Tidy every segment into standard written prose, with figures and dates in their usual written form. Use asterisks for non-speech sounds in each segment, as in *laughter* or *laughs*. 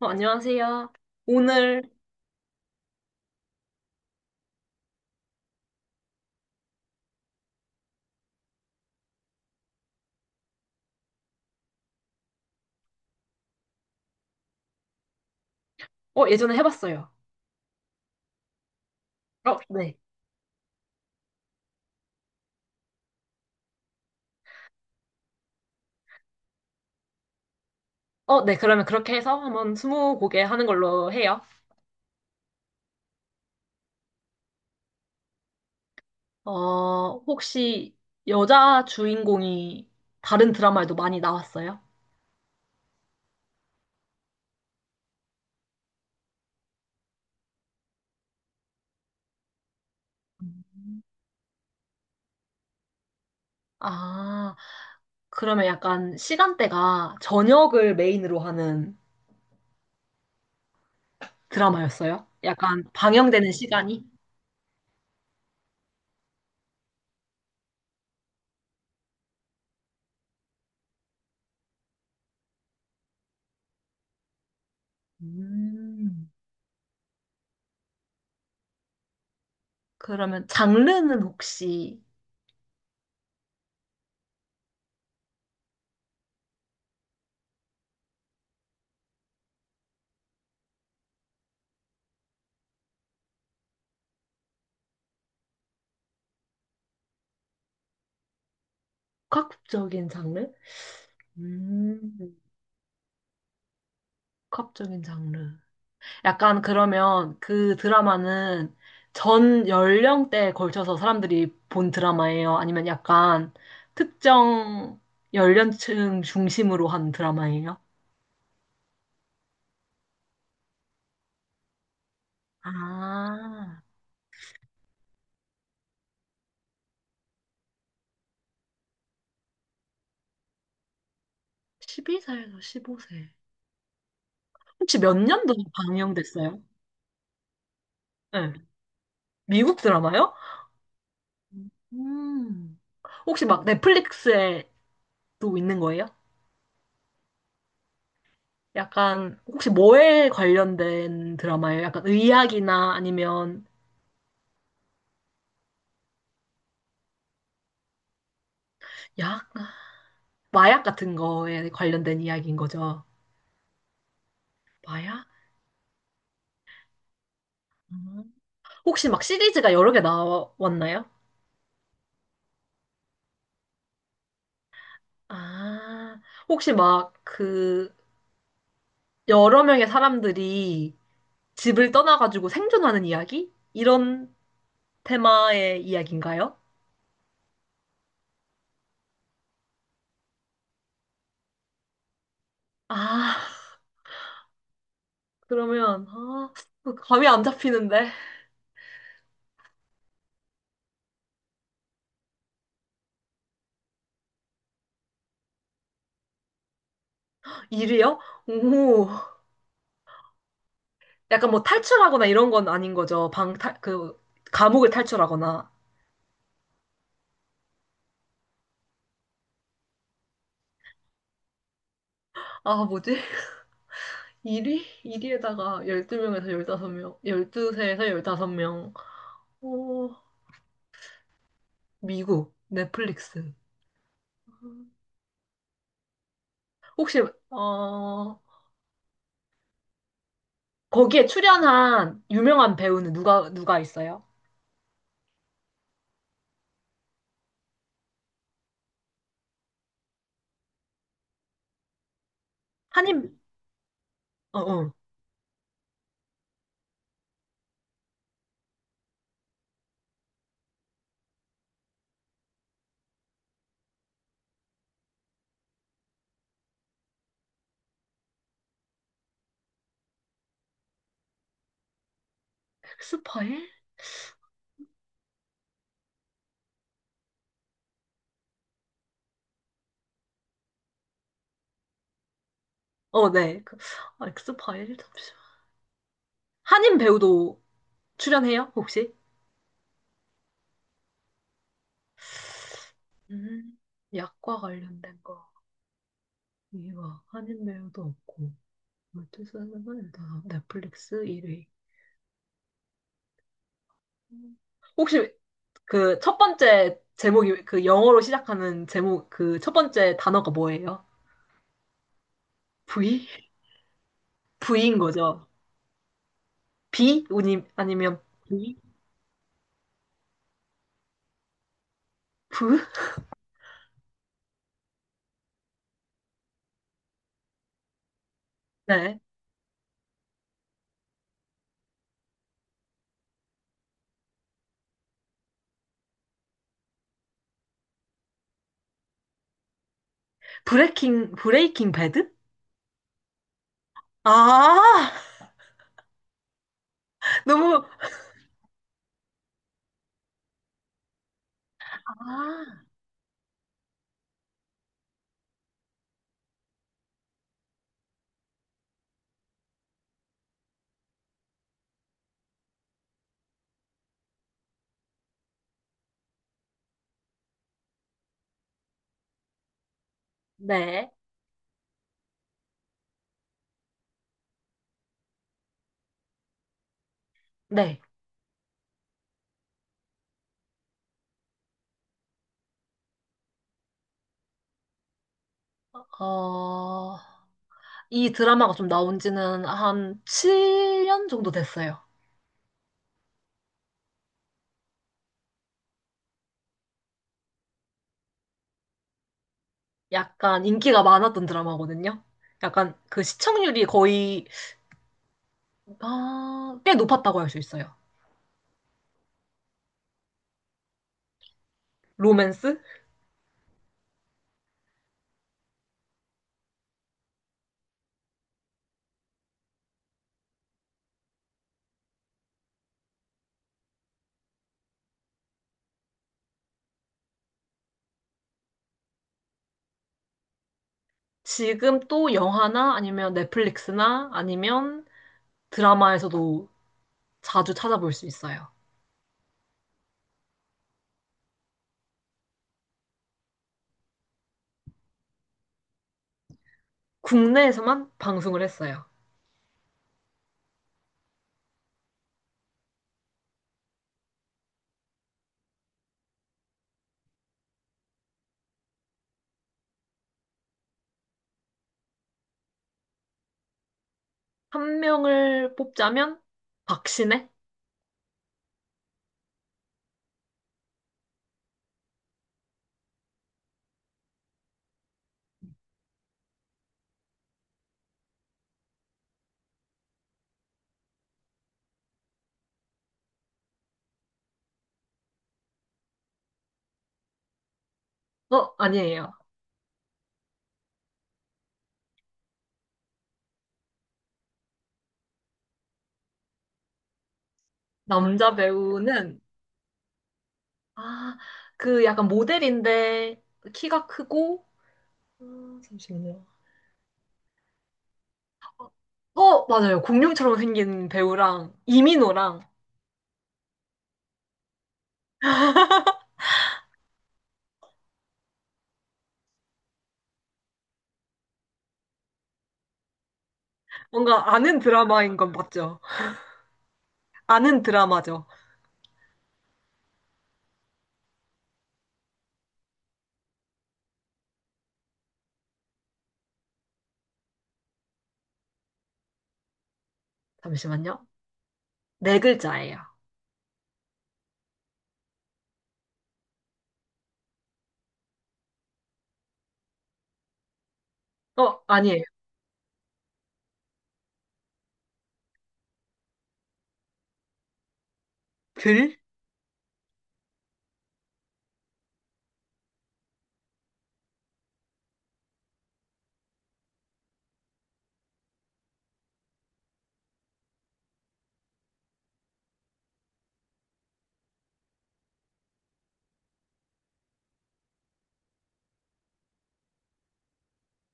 안녕하세요. 오늘, 예전에 해봤어요. 네. 네. 그러면 그렇게 해서 한번 스무 곡에 하는 걸로 해요. 혹시 여자 주인공이 다른 드라마에도 많이 나왔어요? 아, 그러면 약간 시간대가 저녁을 메인으로 하는 드라마였어요? 약간 방영되는 시간이? 음, 그러면 장르는 혹시 복합적인 장르? 음, 복합적인 장르. 약간 그러면 그 드라마는 전 연령대에 걸쳐서 사람들이 본 드라마예요? 아니면 약간 특정 연령층 중심으로 한 드라마예요? 아, 12살에서 15세. 혹시 몇 년도 방영됐어요? 네. 미국 드라마요? 음. 혹시 막 넷플릭스에도 있는 거예요? 약간 혹시 뭐에 관련된 드라마예요? 약간 의학이나 아니면 약? 마약 같은 거에 관련된 이야기인 거죠. 마약? 음. 혹시 막 시리즈가 여러 개 나왔나요? 아, 혹시 막 그 여러 명의 사람들이 집을 떠나가지고 생존하는 이야기? 이런 테마의 이야기인가요? 아, 그러면, 그 감이 안 잡히는데. 일위요. 오, 약간 뭐 탈출하거나 이런 건 아닌 거죠. 감옥을 탈출하거나. 아, 뭐지? 1위? 1위에다가 12명에서 15명, 12세에서 15명. 어, 미국, 넷플릭스. 혹시, 어, 거기에 출연한 유명한 배우는 누가 있어요? 한인, 어, 어. 엑스파일? 네. 그, 아, 엑스파일? 잠시만. 한인 배우도 출연해요, 혹시? 음, 약과 관련된 거. 이거, 한인 배우도 없고. 12세에서 다 넷플릭스 1위. 혹시 그 첫 번째 제목이 그 영어로 시작하는 제목 그 첫 번째 단어가 뭐예요? V? V인 거죠. B? 아니면 V? V? 네. 브레이킹 배드? 아. *laughs* 너무. 아, 네. 네. 어, 이 드라마가 좀 나온 지는 한 7년 정도 됐어요. 약간 인기가 많았던 드라마거든요. 약간 그 시청률이 거의 아, 꽤 높았다고 할 수 있어요. 로맨스? 지금 또 영화나 아니면 넷플릭스나 아니면 드라마에서도 자주 찾아볼 수 있어요. 국내에서만 방송을 했어요. 한 명을 뽑자면 박신혜? 아니에요. 남자 배우는 아, 그 약간 모델인데 키가 크고 잠시만요. 맞아요. 공룡처럼 생긴 배우랑 이민호랑 뭔가 아는 드라마인 건 맞죠? 아는 드라마죠. 잠시만요. 네 글자예요. 아니에요. 글?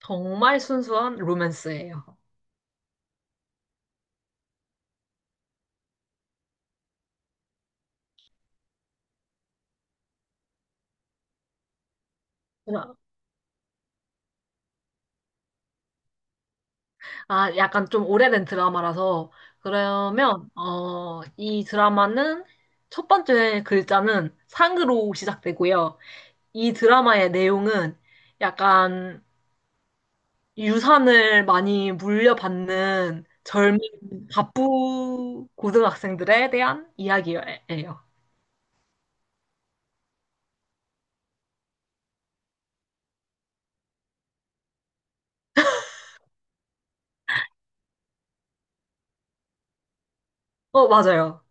정말 순수한 로맨스예요. 그럼, 약간 좀 오래된 드라마라서 그러면 이 드라마는 첫 번째 글자는 상으로 시작되고요. 이 드라마의 내용은 약간 유산을 많이 물려받는 젊은 바쁘 고등학생들에 대한 이야기예요. 맞아요.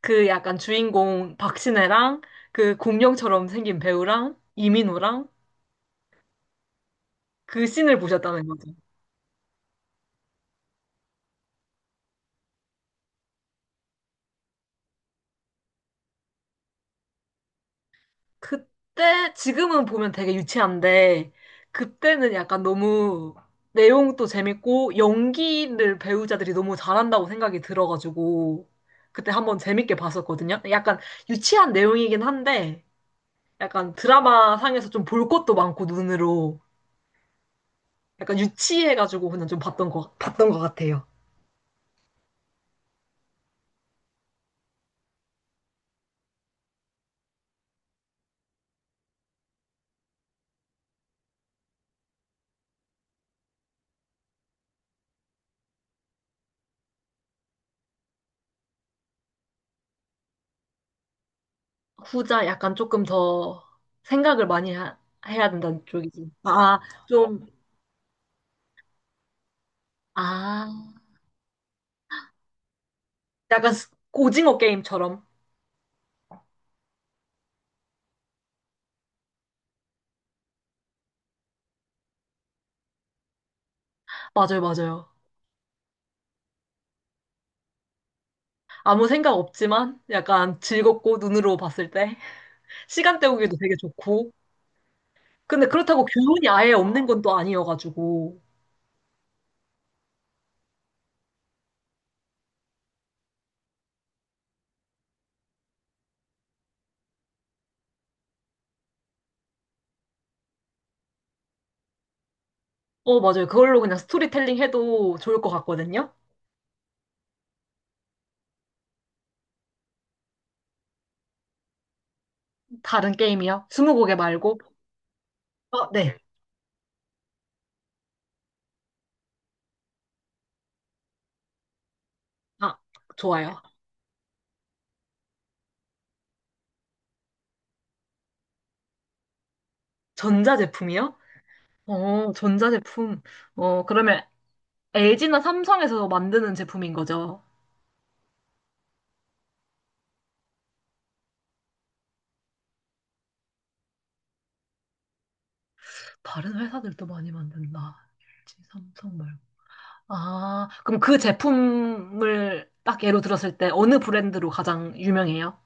그 약간 주인공 박신혜랑 그 공룡처럼 생긴 배우랑 이민호랑 그 씬을 보셨다는 거죠. 그때, 지금은 보면 되게 유치한데, 그때는 약간 너무 내용도 재밌고, 연기를 배우자들이 너무 잘한다고 생각이 들어가지고, 그때 한번 재밌게 봤었거든요. 약간 유치한 내용이긴 한데, 약간 드라마 상에서 좀 볼 것도 많고, 눈으로. 약간 유치해가지고 그냥 좀 봤던 것 같아요. 후자 약간 조금 더 생각을 많이 해야 된다는 쪽이지. 아, 좀, 아. 약간 오징어 게임처럼. 맞아요, 맞아요. 아무 생각 없지만 약간 즐겁고 눈으로 봤을 때 시간 때우기도 되게 좋고. 근데 그렇다고 교훈이 아예 없는 건 또 아니어가지고. 맞아요. 그걸로 그냥 스토리텔링 해도 좋을 것 같거든요. 다른 게임이요? 스무고개 말고? 네. 아, 좋아요. 전자제품이요? 전자제품. 그러면 LG나 삼성에서 만드는 제품인 거죠? 다른 회사들도 많이 만든다. LG, 삼성 말고. 아, 그럼 그 제품을 딱 예로 들었을 때 어느 브랜드로 가장 유명해요?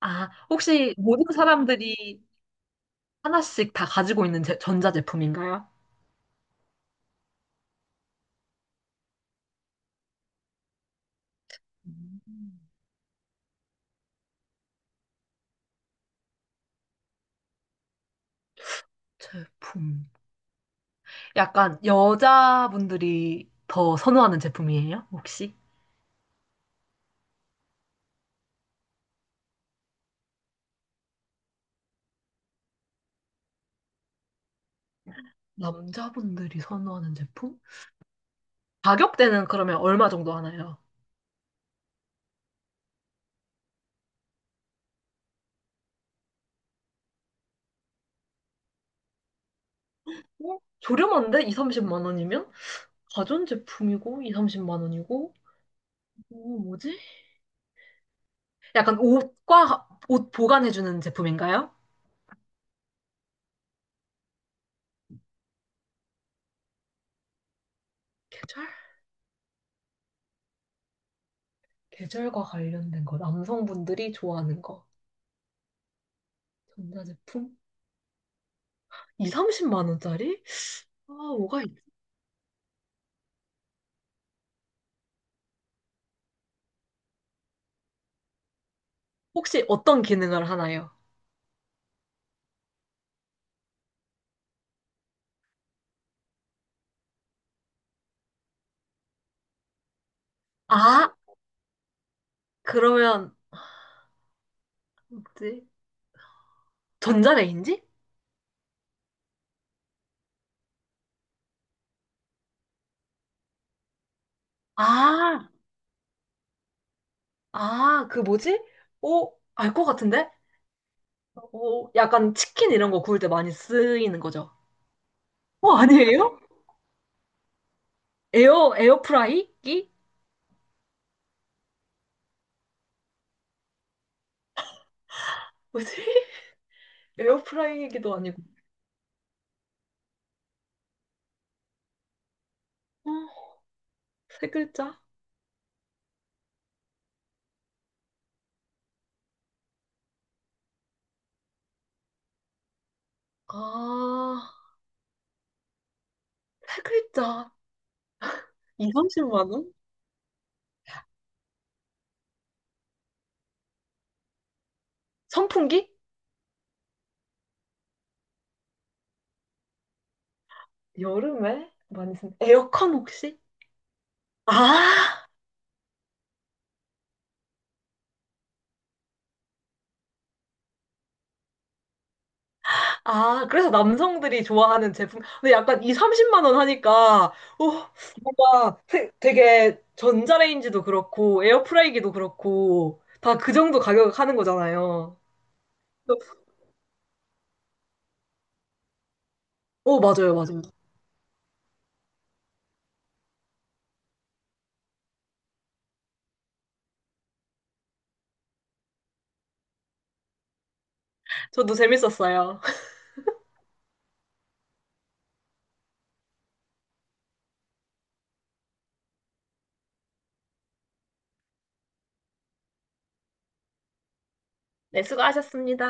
아, 혹시 모든 사람들이 하나씩 다 가지고 있는 전자제품인가요? 음, 제품. 약간 여자분들이 더 선호하는 제품이에요, 혹시? 남자분들이 선호하는 제품? 가격대는 그러면 얼마 정도 하나요? 어? 저렴한데? 2, 30만 원이면? 가전제품이고, 2, 30만 원이고, 뭐지? 약간 옷과 옷 보관해주는 제품인가요? 계절? 계절과 관련된 거. 남성분들이 좋아하는 거. 전자제품? 2, 30만 원짜리? 아, 뭐가 있... 혹시 어떤 기능을 하나요? 아, 그러면 뭐지? 전자레인지? 아, 아, 그 뭐지? 오, 알 것 같은데? 오, 약간 치킨 이런 거 구울 때 많이 쓰이는 거죠. 아니에요? 에어프라이기? 뭐지? *laughs* 에어프라이기도 아니고. 어, 세 글자? 아, 세 글자. 2, 30만 원? 선풍기? 여름에 많이 쓴 에어컨 혹시? 아, 아, 그래서 남성들이 좋아하는 제품. 근데 약간 2, 30만 원 하니까, 오, 뭔가 되게 전자레인지도 그렇고, 에어프라이기도 그렇고, 다 그 정도 가격 하는 거잖아요. 오, 맞아요, 맞아요. 저도 재밌었어요. *laughs* 네, 수고하셨습니다.